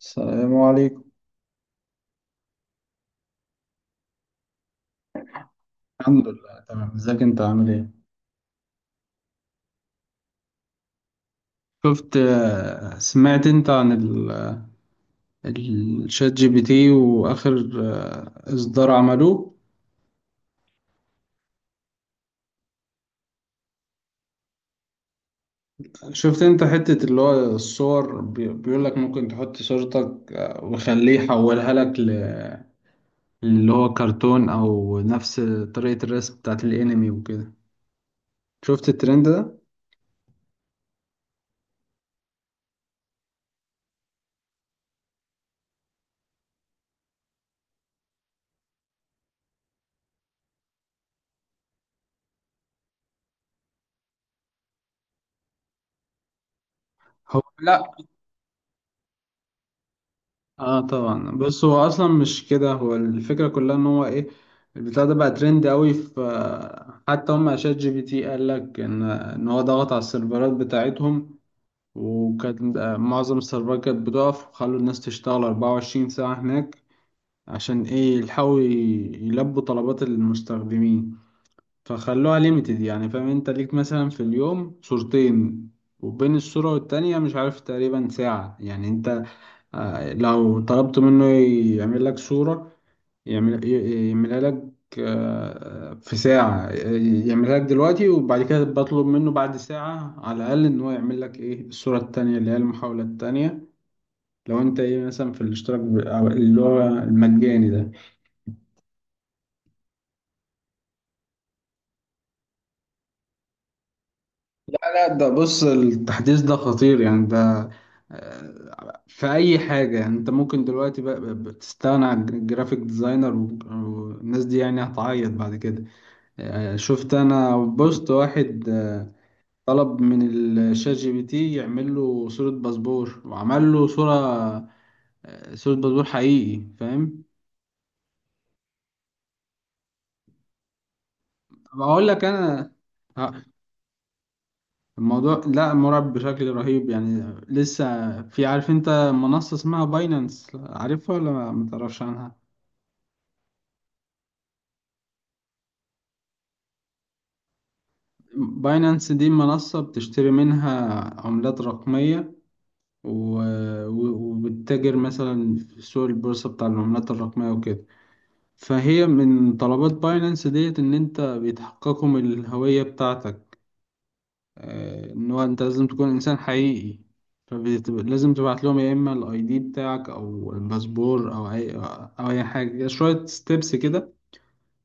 السلام عليكم. الحمد لله تمام، ازيك انت عامل ايه؟ شفت سمعت انت عن الشات جي بي تي واخر اصدار عملوه؟ شفت انت حتة اللي هو الصور بيقول لك ممكن تحط صورتك وخليه يحولها لك اللي هو كرتون او نفس طريقة الرسم بتاعت الانمي وكده. شفت الترند ده؟ هو لا، اه طبعا. بص هو اصلا مش كده، هو الفكره كلها ان هو ايه، البتاع ده بقى ترند قوي، في حتى هم شات جي بي تي قال لك ان هو ضغط على السيرفرات بتاعتهم، وكانت معظم السيرفرات كانت بتقف وخلوا الناس تشتغل 24 ساعه هناك، عشان ايه يلحقوا يلبوا طلبات المستخدمين. فخلوها ليميتد، يعني فاهم، انت ليك مثلا في اليوم صورتين، وبين الصوره والتانيه مش عارف تقريبا ساعه، يعني انت لو طلبت منه يعمل لك صورة، يعمل يعملها لك في ساعة يعملها لك دلوقتي، وبعد كده بطلب منه بعد ساعة على الأقل إن هو يعمل لك إيه الصورة التانية اللي هي المحاولة التانية، لو أنت إيه مثلا في الاشتراك أو اللي هو المجاني ده. لا ده بص، التحديث ده خطير يعني. ده في أي حاجة، يعني أنت ممكن دلوقتي بتستغنى عن الجرافيك ديزاينر، والناس دي يعني هتعيط بعد كده. شفت انا بوست واحد طلب من الشات جي بي تي يعمل له صورة باسبور، وعمل له صورة صورة باسبور حقيقي فاهم. بقول لك انا آه، الموضوع لا مرعب بشكل رهيب يعني. لسه في، عارف انت منصة اسمها باينانس؟ عارفها ولا ما تعرفش عنها؟ باينانس دي منصة بتشتري منها عملات رقمية، و... وبتتاجر مثلا في سوق البورصة بتاع العملات الرقمية وكده. فهي من طلبات باينانس ديت ان انت بيتحققوا من الهوية بتاعتك، ان هو انت لازم تكون انسان حقيقي. فلازم تبعت لهم يا اما الاي دي بتاعك او الباسبور او اي حاجة، شوية ستيبس كده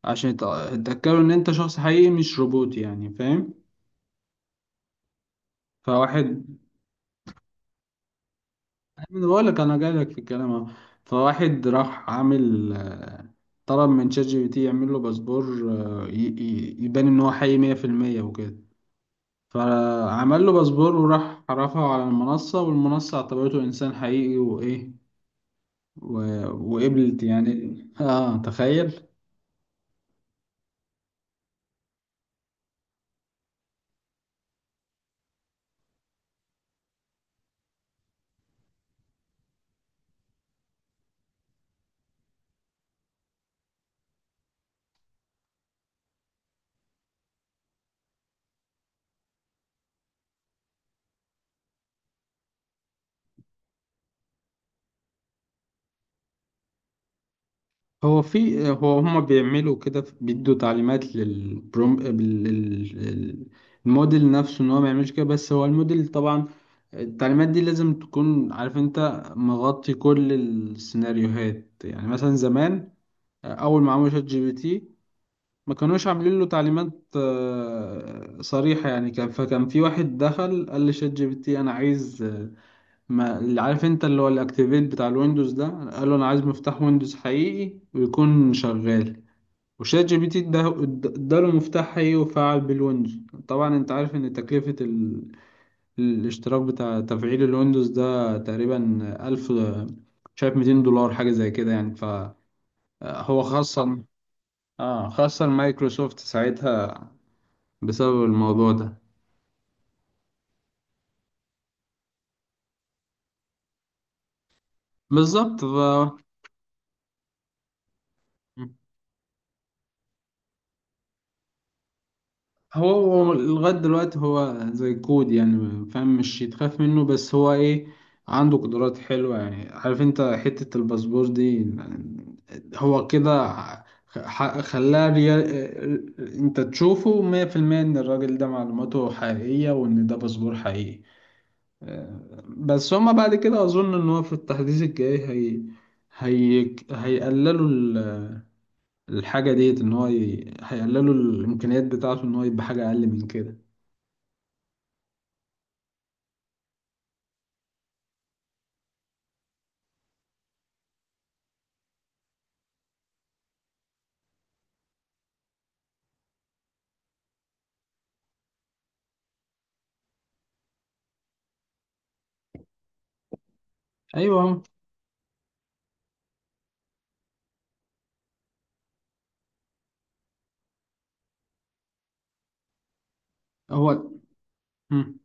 عشان يتأكدوا ان انت شخص حقيقي مش روبوت يعني فاهم. فواحد، انا بقول لك انا جاي لك في الكلام اهو. فواحد راح عامل طلب من شات جي بي تي يعمل له باسبور، يبان ان هو حقيقي 100% وكده. فعمل له باسبور وراح رفعه على المنصة، والمنصة اعتبرته إنسان حقيقي وإيه و... وقبلت يعني. آه تخيل. هو في، هما بيعملوا كده، بيدوا تعليمات للبروم الموديل نفسه إن هو ما يعملش كده، بس هو الموديل طبعا التعليمات دي لازم تكون عارف أنت مغطي كل السيناريوهات. يعني مثلا زمان أول ما عملوا شات جي بي تي ما كانوش عاملين له تعليمات صريحة يعني. كان فكان في واحد دخل قال لشات جي بي تي انا عايز ما اللي، عارف انت اللي هو الاكتيفيت بتاع الويندوز ده، قال له انا عايز مفتاح ويندوز حقيقي ويكون شغال. وشات جي بي تي اداله مفتاح حقيقي وفعل بالويندوز. طبعا انت عارف ان تكلفة الاشتراك بتاع تفعيل الويندوز ده تقريبا ألف، شايف $200 حاجة زي كده يعني. فهو صح خاصة، اه خاصة مايكروسوفت ساعتها بسبب الموضوع ده. بالظبط، هو هو لغاية دلوقتي هو زي كود يعني فاهم، مش يتخاف منه بس هو ايه عنده قدرات حلوة يعني. عارف انت حتة الباسبور دي، هو كده خلاه ريال، انت تشوفه مية في المية ان الراجل ده معلوماته حقيقية وان ده باسبور حقيقي. بس هما بعد كده اظن ان هو في التحديث الجاي هي هيقللوا الحاجة ديت، إن هو هيقللوا الإمكانيات بتاعته إن هو يبقى حاجة أقل من كده. أيوه. هو مم.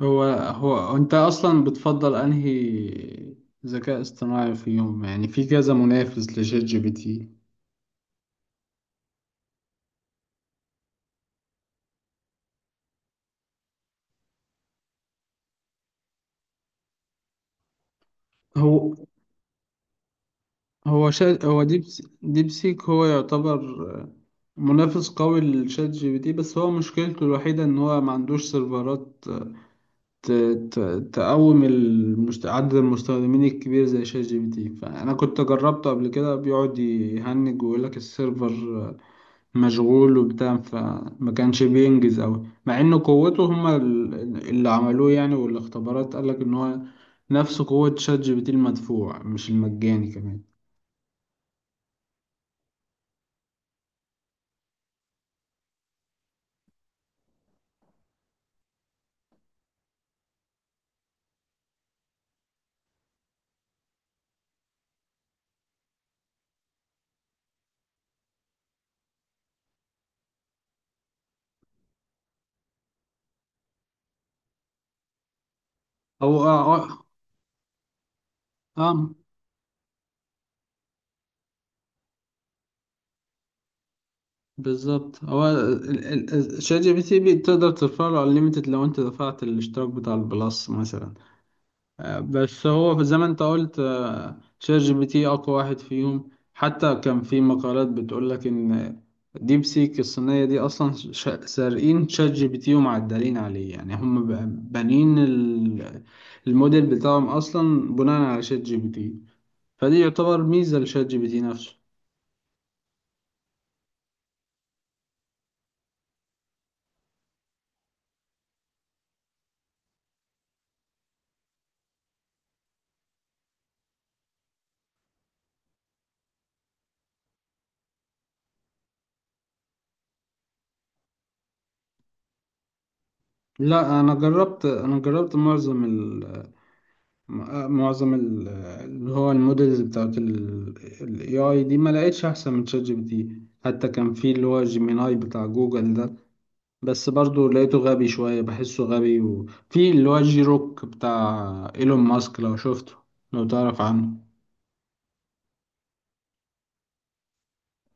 هو أنت أصلا بتفضل أنهي ذكاء اصطناعي في يوم، يعني في كذا منافس لشات جي بي تي؟ هو هو ديب سيك هو يعتبر منافس قوي لشات جي بي تي، بس هو مشكلته الوحيدة إن هو ما عندوش سيرفرات ت- عدد المستخدمين الكبير زي شات جي بي تي. فأنا كنت جربته قبل كده بيقعد يهنج ويقول لك السيرفر مشغول وبتاع، فما كانش بينجز أوي. مع إن قوته، هما اللي عملوه يعني والاختبارات قال لك إن هو نفس قوة شات جي بي تي المدفوع مش المجاني كمان. هو اه آه. آه، بالظبط، هو شات جي بي تي تقدر ترفع له unlimited لو انت دفعت الاشتراك بتاع البلس مثلا. بس هو زي ما انت قلت شات جي بي تي اقوى واحد فيهم. حتى كان في مقالات بتقول لك ان ديب سيك الصينية دي اصلا سارقين شات جي بي تي ومعدلين عليه. يعني هم بانين الموديل بتاعهم اصلا بناء على شات جي بي تي. فدي يعتبر ميزة لشات جي بي تي نفسه. لا انا جربت، معظم معظم اللي هو المودلز بتاعت ال AI دي، ما لقيتش أحسن من شات جي بي تي. حتى كان في اللي هو جيميناي بتاع جوجل ده بس برضو لقيته غبي شوية، بحسه غبي. وفي اللي هو جي روك بتاع إيلون ماسك، لو شفته لو تعرف عنه،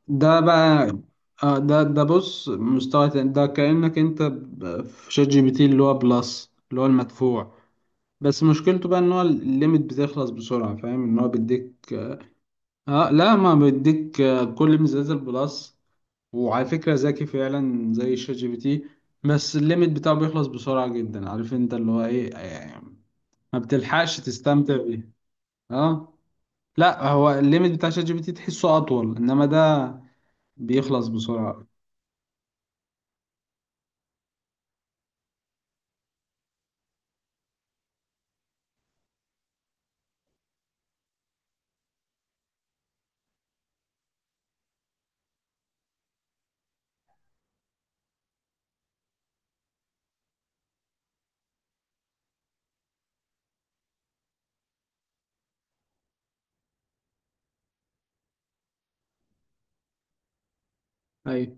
ده بقى ده بص مستوى تاني. ده كأنك انت في شات جي بي تي اللي هو بلس اللي هو المدفوع، بس مشكلته بقى ان هو الليميت بتخلص بسرعة فاهم. ان هو بيديك، اه لا ما بيديك كل ميزات البلس، وعلى فكرة ذكي فعلا زي شات جي بي تي. بس الليميت بتاعه بيخلص بسرعة جدا عارف انت اللي هو ايه يعني، ما بتلحقش تستمتع بيه. اه لا هو الليميت بتاع شات جي بي تي تحسه اطول، انما ده بيخلص بسرعة. ايوه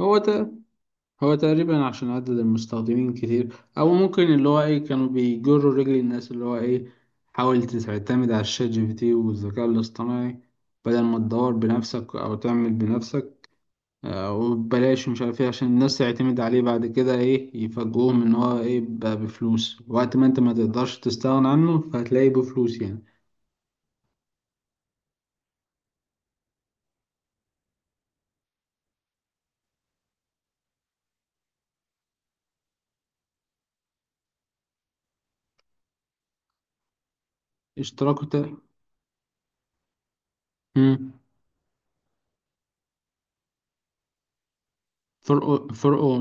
هو ده. هو تقريبا عشان عدد المستخدمين كتير، او ممكن اللي هو ايه، كانوا بيجروا رجل الناس اللي هو ايه حاول تعتمد على الشات جي بي تي والذكاء الاصطناعي بدل ما تدور بنفسك او تعمل بنفسك، وبلاش مش عارف ايه، عشان الناس تعتمد عليه بعد كده ايه يفاجئوهم ان هو ايه بقى بفلوس. وقت ما انت ما تقدرش تستغنى عنه فهتلاقيه بفلوس يعني. اشتراكه تا- مم. فرقه فرقه.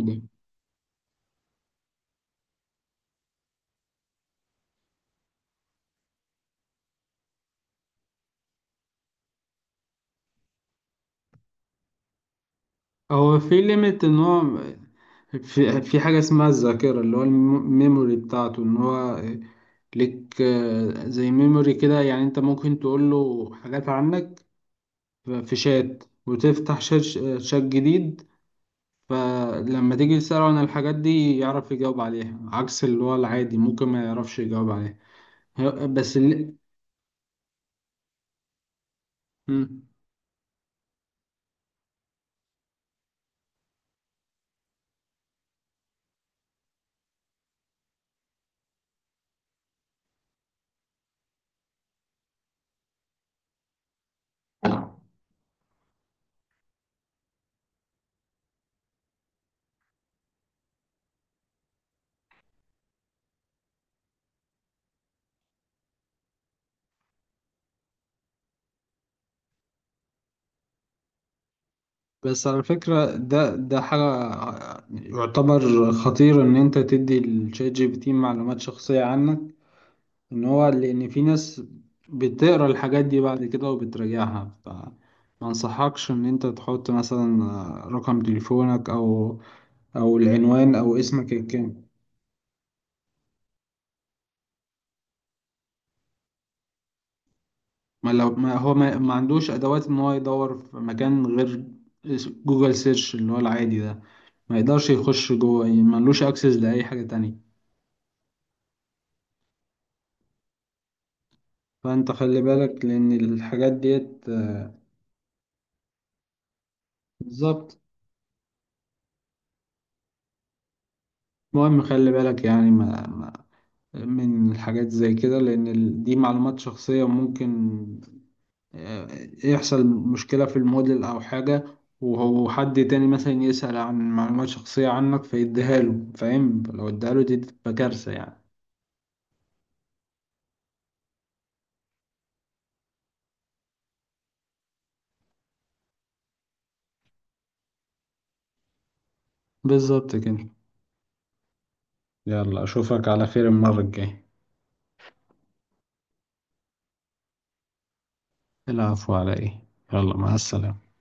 هو في ليميت، ان هو في في حاجه اسمها الذاكره اللي هو الميموري بتاعته، ان هو ليك زي ميموري كده. يعني انت ممكن تقول له حاجات عنك في شات، وتفتح شات جديد. فلما تيجي تسأله عن الحاجات دي يعرف يجاوب عليها، عكس اللي هو العادي ممكن ما يعرفش يجاوب عليها. ه- بس اللي مم. بس على فكرة ده حاجة يعتبر خطير إن أنت تدي الشات جي بي تي معلومات شخصية عنك، ان هو لان في ناس بتقرا الحاجات دي بعد كده وبتراجعها. ف، ما انصحكش ان انت تحط مثلا رقم تليفونك او العنوان او اسمك الكامل. ما لو ما هو ما عندوش ادوات ان هو يدور في مكان غير جوجل سيرش اللي هو العادي ده، ما يقدرش يخش جوه يعني، ما لوش اكسس لاي حاجه تانية. فانت خلي بالك لان الحاجات ديت، بالظبط. المهم خلي بالك يعني ما من الحاجات زي كده، لأن دي معلومات شخصية، ممكن آه، يحصل مشكلة في الموديل أو حاجة، وهو حد تاني مثلا يسأل عن معلومات شخصية عنك فيديها له، فاهم، لو اديها له دي تبقى كارثة يعني. بالظبط كده. يلا أشوفك على خير المرة الجاية. العفو على إيه. يلا مع السلامة.